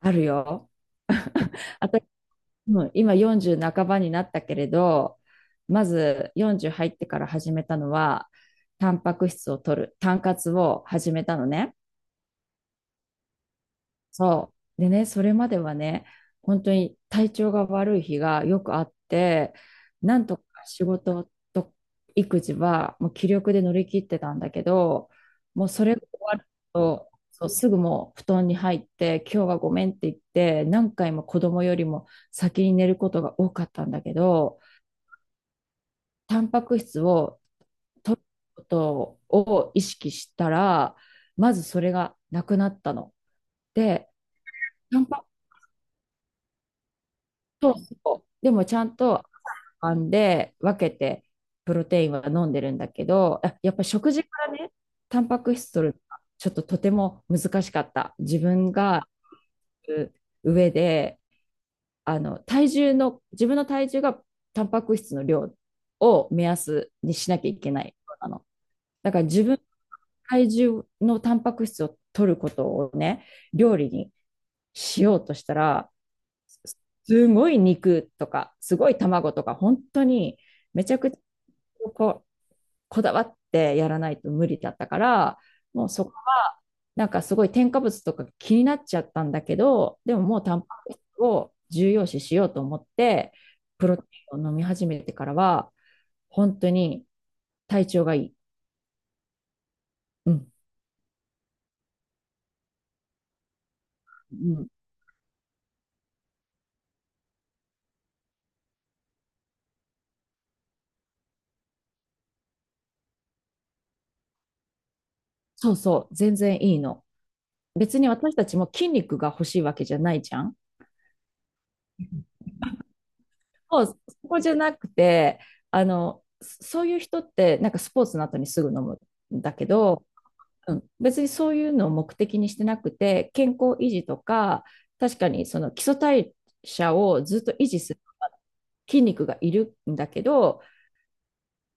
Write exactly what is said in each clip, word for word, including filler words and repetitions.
あるよ。私、うん今よんじゅう半ばになったけれど、まずよんじゅう入ってから始めたのは、タンパク質を取る、タン活を始めたのね。そう。でね、それまではね、本当に体調が悪い日がよくあって、なんとか仕事と育児はもう気力で乗り切ってたんだけど、もうそれが終わると、そうすぐもう布団に入って、今日はごめんって言って、何回も子供よりも先に寝ることが多かったんだけど、タンパク質を取ることを意識したら、まずそれがなくなったの。で、タンパそうそう。でもちゃんと編んで分けてプロテインは飲んでるんだけど、あやっぱ食事からね、タンパク質取るのがちょっととても難しかった。自分がう上で、あの体重の、自分の体重がタンパク質の量を目安にしなきゃいけないなの。だから自分の体重のタンパク質を取ることをね、料理にしようとしたら、すごい肉とか、すごい卵とか、本当にめちゃくちゃこう、こだわってやらないと無理だったから、もうそ、なんかすごい添加物とか気になっちゃったんだけど、でももうタンパク質を重要視しようと思って、プロテインを飲み始めてからは、本当に体調がいい。うん。うん。そうそう。全然いいの。別に私たちも筋肉が欲しいわけじゃないじゃん。そう、そこじゃなくて、あの、そういう人って、なんかスポーツの後にすぐ飲むんだけど、うん、別にそういうのを目的にしてなくて、健康維持とか、確かにその基礎代謝をずっと維持する筋肉がいるんだけど、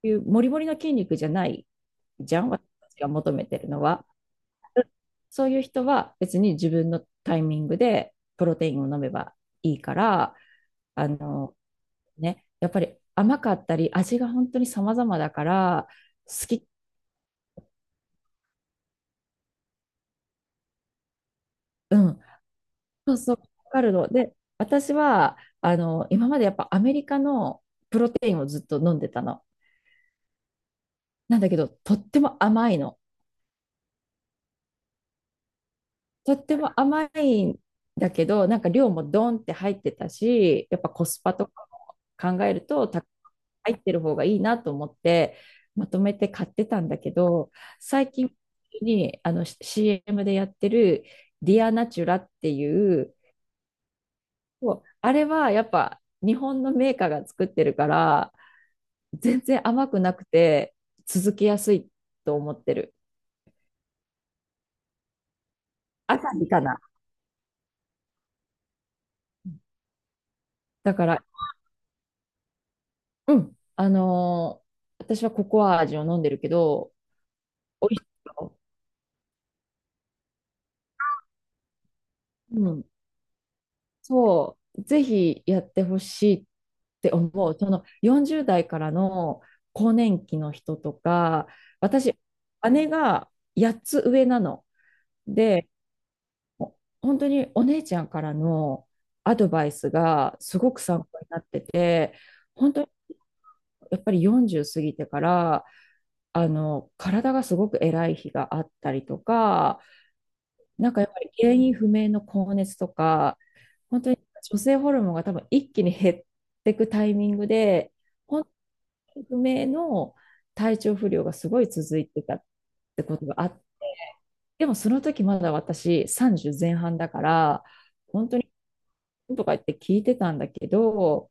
いうモリモリの筋肉じゃないじゃん、私たちが求めてるのは。そういう人は別に自分のタイミングでプロテインを飲めばいいから、あの、ね、やっぱり甘かったり、味が本当に様々だから、好き、うん、そうそう、わかるの。で、私は、あの、今までやっぱアメリカのプロテインをずっと飲んでたの。なんだけど、とっても甘いの。とっても甘いんだけど、なんか量もドンって入ってたし、やっぱコスパとかも考えると、た入ってる方がいいなと思って、まとめて買ってたんだけど、最近にあの シーエム でやってるディアナチュラっていう、そうあれはやっぱ日本のメーカーが作ってるから、全然甘くなくて続けやすいと思ってる。アサヒかな。だからうん。あのー私はココア味を飲んでるけど、美味しいよ。うん。そう。ぜひやってほしいって思う。そのよんじゅう代からの更年期の人とか、私、姉がやっつ上なの。で、本当にお姉ちゃんからのアドバイスがすごく参考になってて、本当にやっぱりよんじゅう過ぎてから、あの、体がすごく偉い日があったりとか、なんかやっぱり原因不明の高熱とか、本当に女性ホルモンが多分一気に減っていくタイミングで、本当に不明の体調不良がすごい続いてたってことがあって、でもその時まだ私さんじゅう前半だから、本当にとか言って聞いてたんだけど、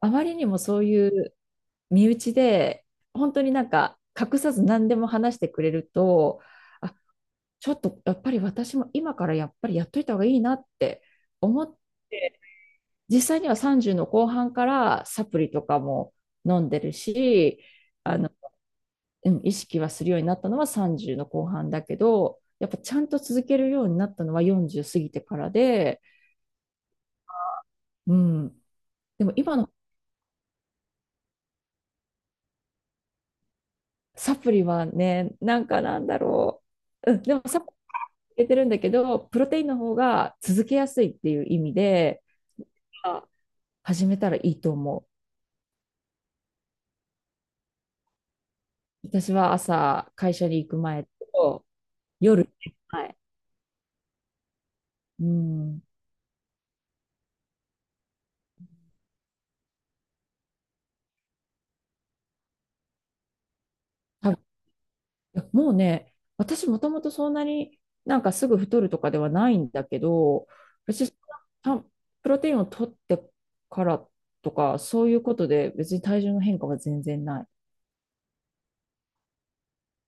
あまりにもそういう身内で、本当になんか隠さず何でも話してくれると、あ、ちょっとやっぱり私も今からやっぱりやっといた方がいいなって思って、実際にはさんじゅうの後半からサプリとかも飲んでるし、あの、うん、意識はするようになったのはさんじゅうの後半だけど、やっぱちゃんと続けるようになったのはよんじゅう過ぎてからで、うん。でも今のサプリはね、なんかなんだろう。うん、でもサプリ入れてるんだけど、プロテインの方が続けやすいっていう意味で、あ始めたらいいと思う。私は朝、会社に行く前と、夜寝る前。うん。多分もうね、私もともとそんなになんかすぐ太るとかではないんだけど、私、たプロテインを取ってからとか、そういうことで別に体重の変化は全然ない。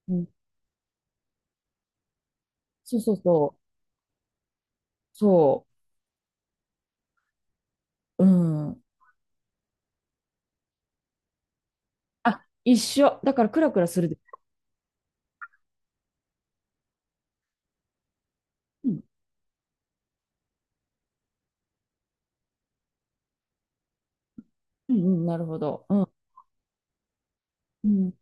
うん。そうそうそう。そう。うん。あ、一緒。だからクラクラするで。うん。うんうん、なるほど。うん。うん。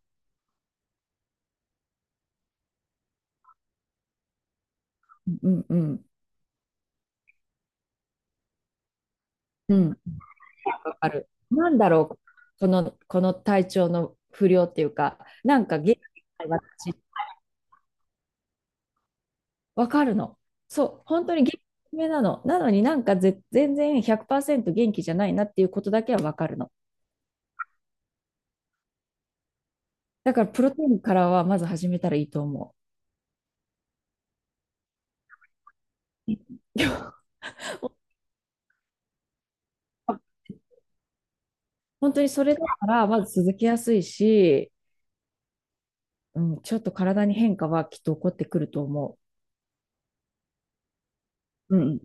うん。うん。うん。わかる。なんだろう、この、この体調の不良っていうか、なんか元気ない私、わかるの。そう、本当に元気めなの。なのになんかぜ全然ひゃくパーセント元気じゃないなっていうことだけはわかるの。だからプロテインからはまず始めたらいいと思う。本当にそれだからまず続けやすいし、うん、ちょっと体に変化はきっと起こってくると思う。うん。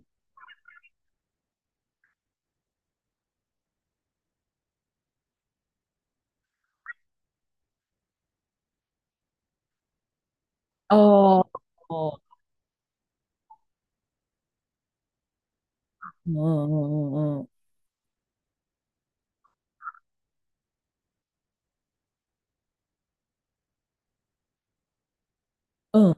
ああ、うんうんうんうんうん。うん。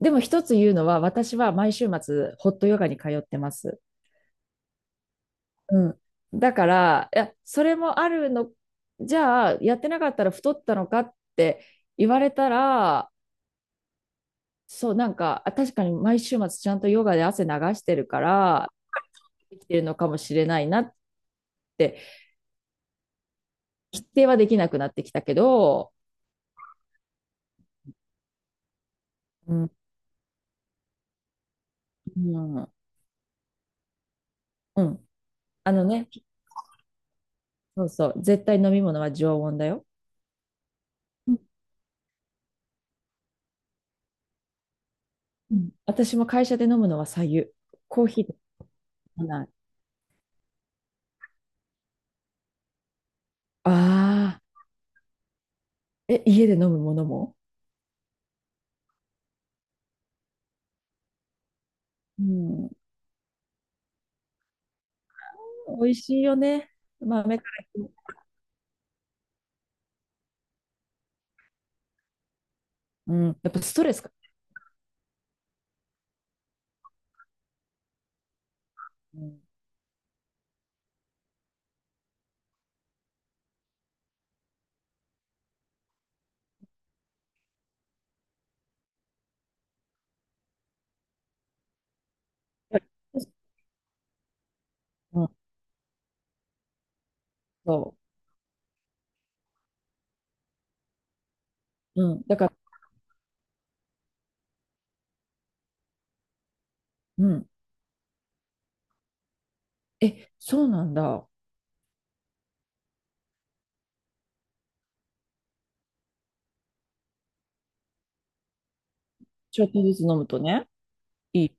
でも一つ言うのは、私は毎週末、ホットヨガに通ってます。うん。だから、いや、それもあるの、じゃあ、やってなかったら太ったのかって言われたら、そう、なんか、あ確かに毎週末ちゃんとヨガで汗流してるから、できてるのかもしれないなって、否定はできなくなってきたけど、うん。うん、うん。あのね、そうそう、絶対飲み物は常温だよ。うん。私も会社で飲むのは白湯。コーヒーとか飲まない。ああ。え、家で飲むものもうん。美味しいよね。豆から。うん。やっぱストレスか。うん。うん、そう。うん。だから、うん。え、そうなんだ。ちょっとずつ飲むとね。いい。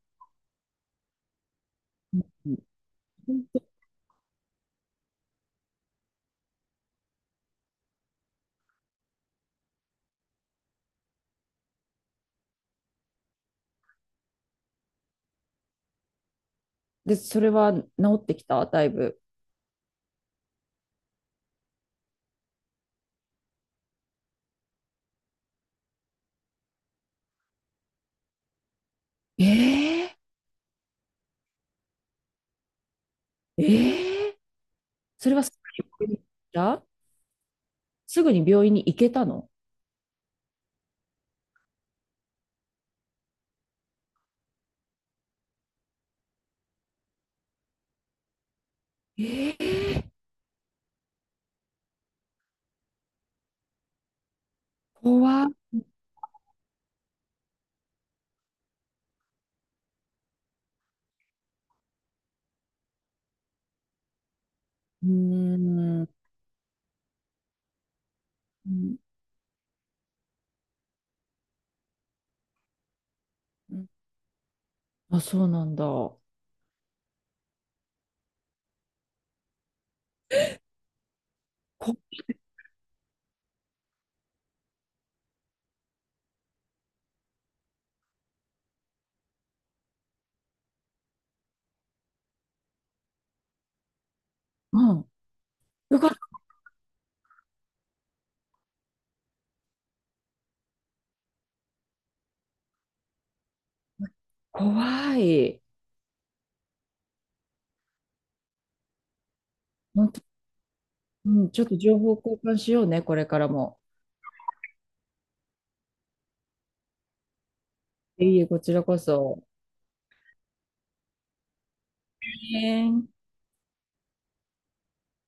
うん。で、それは治ってきただいぶ？えー、えー、それはすぐに病院に行ったすぐに病院に行けたの？えー、怖っ。うーん。うん。あ、そうなんだ。こ、うん。よかった。怖い。うん、ちょっと情報交換しようね、これからも。いえいえ、こちらこそ。ねえ